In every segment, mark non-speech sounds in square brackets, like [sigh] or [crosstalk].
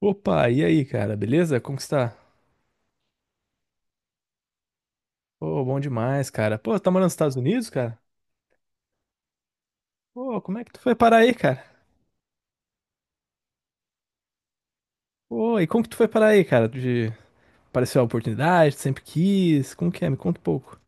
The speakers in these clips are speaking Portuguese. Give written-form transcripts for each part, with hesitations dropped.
Opa, e aí, cara? Beleza? Como que está? Pô, bom demais, cara. Pô, tá morando nos Estados Unidos, cara? Pô, como é que tu foi parar aí, cara? Pô, e como que tu foi parar aí, cara? Apareceu a oportunidade, tu sempre quis? Como que é? Me conta um pouco.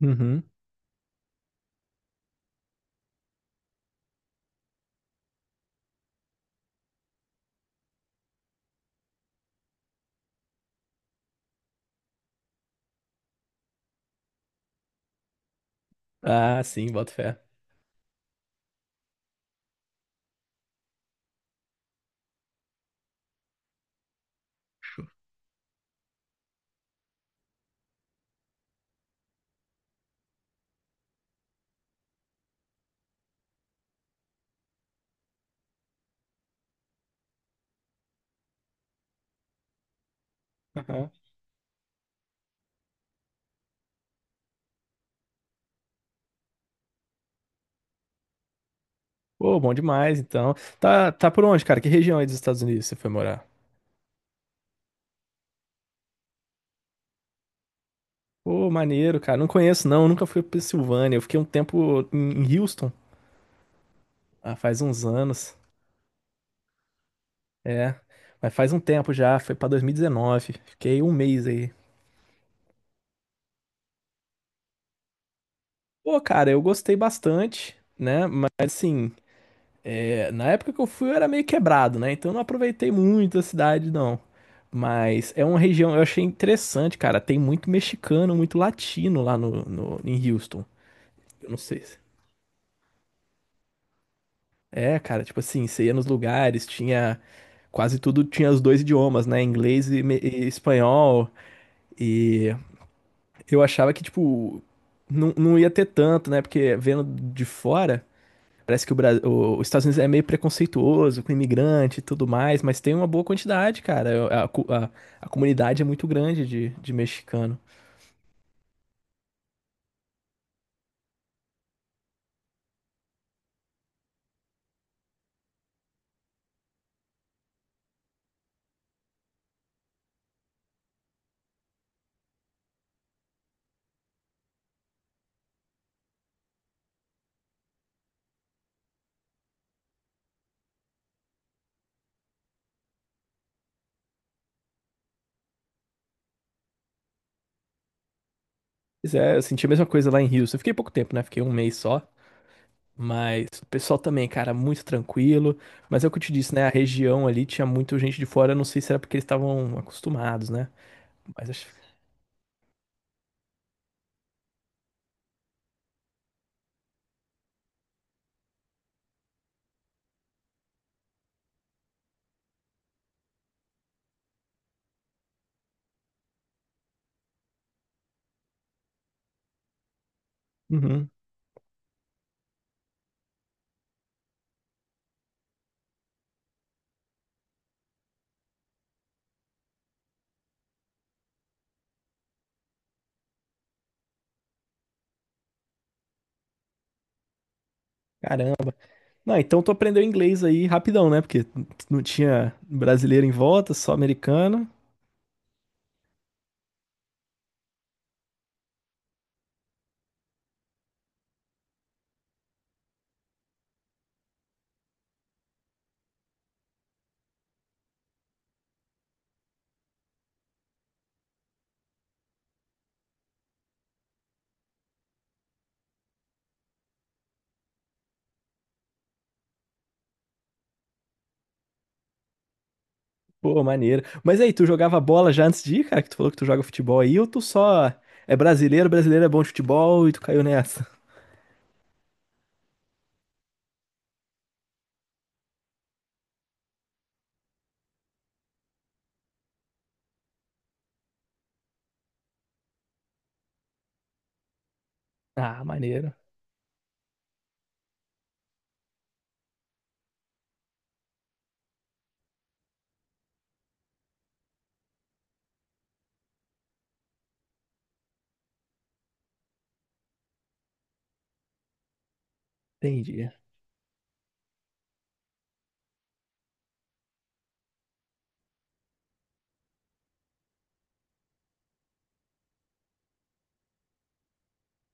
Uhum. Ah, sim, boto fé. Aham. Pô, bom demais, então. Tá por onde, cara? Que região aí dos Estados Unidos você foi morar? Pô, maneiro, cara. Não conheço, não. Nunca fui pra Pensilvânia. Eu fiquei um tempo em Houston. Ah, faz uns anos. É. Mas faz um tempo já. Foi pra 2019. Fiquei um mês aí. Pô, cara, eu gostei bastante, né? Mas assim, é, na época que eu fui eu era meio quebrado, né? Então eu não aproveitei muito a cidade, não. Mas é uma região, eu achei interessante, cara. Tem muito mexicano, muito latino lá em Houston. Eu não sei. É, cara, tipo assim, você ia nos lugares, tinha quase tudo, tinha os dois idiomas, né? Inglês e, e espanhol. E eu achava que, tipo, não, não ia ter tanto, né? Porque vendo de fora. Parece que o Brasil, os Estados Unidos é meio preconceituoso com imigrante e tudo mais, mas tem uma boa quantidade, cara. É, a comunidade é muito grande de mexicano. Pois é, eu senti a mesma coisa lá em Houston. Eu fiquei pouco tempo, né? Fiquei um mês só. Mas o pessoal também, cara, muito tranquilo. Mas é o que eu te disse, né? A região ali tinha muita gente de fora. Eu não sei se era porque eles estavam acostumados, né? Mas acho- Uhum. Caramba. Não, então tu aprendeu inglês aí rapidão, né? Porque não tinha brasileiro em volta, só americano. Pô, maneiro. Mas aí, tu jogava bola já antes de ir, cara? Que tu falou que tu joga futebol aí, ou tu só é brasileiro, brasileiro é bom de futebol e tu caiu nessa? [laughs] Ah, maneiro. Entendi.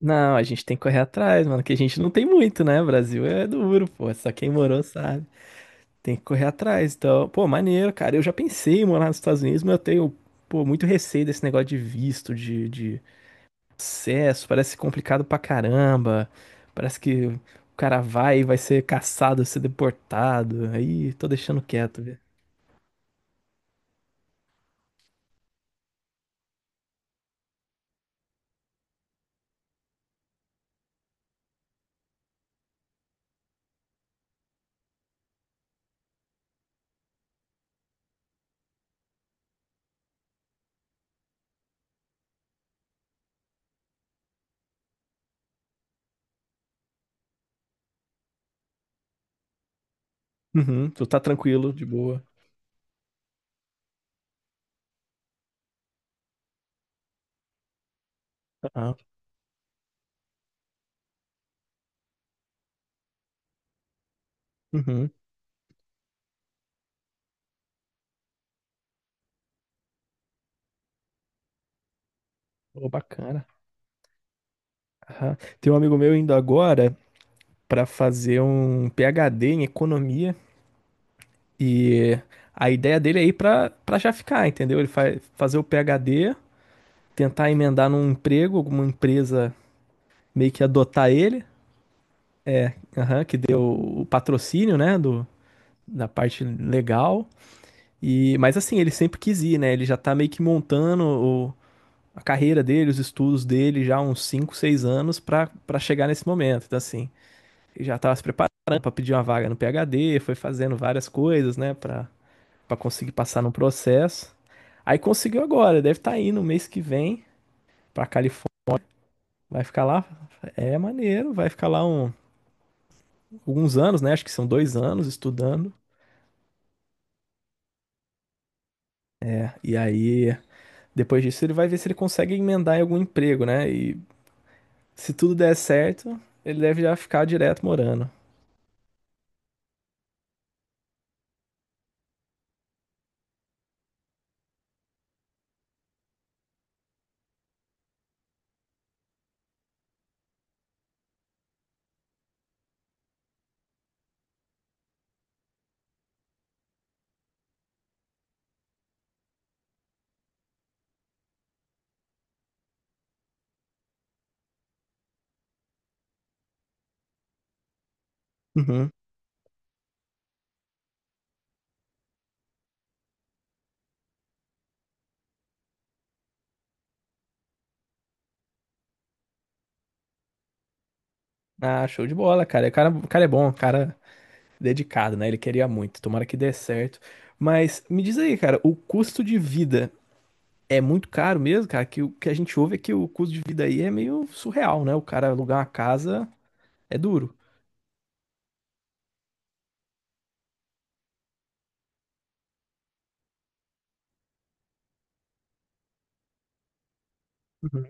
Não, a gente tem que correr atrás, mano, que a gente não tem muito, né? Brasil é duro, pô, só quem morou sabe. Tem que correr atrás, então, pô, maneiro, cara. Eu já pensei em morar nos Estados Unidos, mas eu tenho, pô, muito receio desse negócio de visto, de acesso, parece complicado pra caramba. Parece que o cara vai e vai ser caçado, vai ser deportado. Aí, tô deixando quieto, velho. Uhum, tu tá tranquilo, de boa. Ah, uhum, pô, bacana. Aham. Tem um amigo meu indo agora para fazer um PhD em economia e a ideia dele é ir para já ficar, entendeu? Ele vai fazer o PhD, tentar emendar num emprego, alguma empresa meio que adotar ele, aham, que deu o patrocínio, né, do, da parte legal. E mas assim, ele sempre quis ir, né? Ele já tá meio que montando a carreira dele, os estudos dele já há uns 5 6 anos para chegar nesse momento. Então assim, ele já tava se preparando para pedir uma vaga no PhD, foi fazendo várias coisas, né, para conseguir passar no processo. Aí conseguiu agora, deve estar indo mês que vem para Califórnia. Vai ficar lá, é maneiro, vai ficar lá alguns anos, né? Acho que são dois anos estudando. E aí, depois disso, ele vai ver se ele consegue emendar em algum emprego, né? E se tudo der certo, ele deve já ficar direto morando. Uhum. Ah, show de bola, cara. O cara, o cara é bom, o cara é dedicado, né? Ele queria muito. Tomara que dê certo. Mas me diz aí, cara, o custo de vida é muito caro mesmo, cara, que o que a gente ouve é que o custo de vida aí é meio surreal, né? O cara alugar uma casa é duro. Uhum,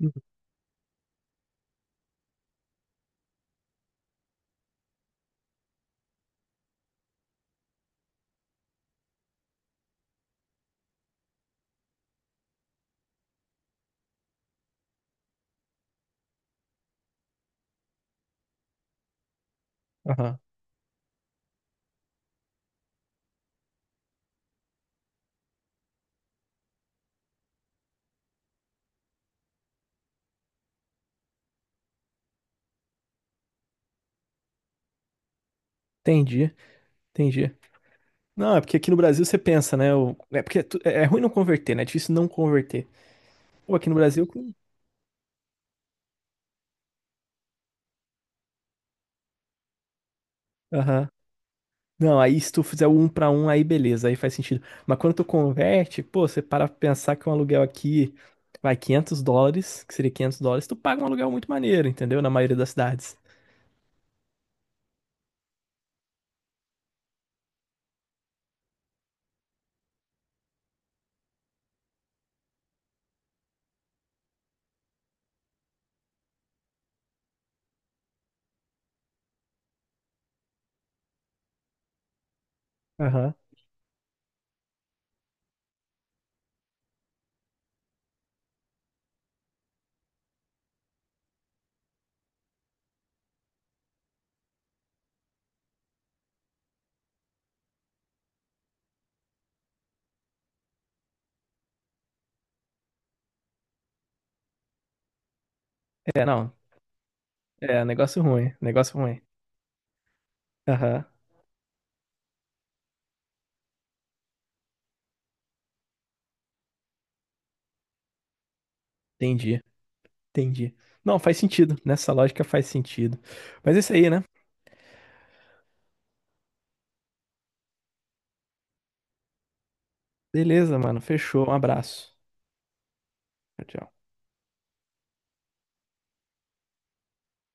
uhum. Aham, entendi, entendi. Não, é porque aqui no Brasil você pensa, né? É porque é, é ruim não converter, né? É difícil não converter. Pô, aqui no Brasil. Aham. Não, aí se tu fizer o um pra um, aí beleza, aí faz sentido. Mas quando tu converte, pô, você para pra pensar que um aluguel aqui vai US$ 500, que seria US$ 500, tu paga um aluguel muito maneiro, entendeu? Na maioria das cidades. Aham. É, não, é, negócio ruim, negócio ruim. Aham, entendi, entendi. Não, faz sentido, nessa lógica faz sentido. Mas é isso aí, né? Beleza, mano, fechou, um abraço. Tchau, tchau.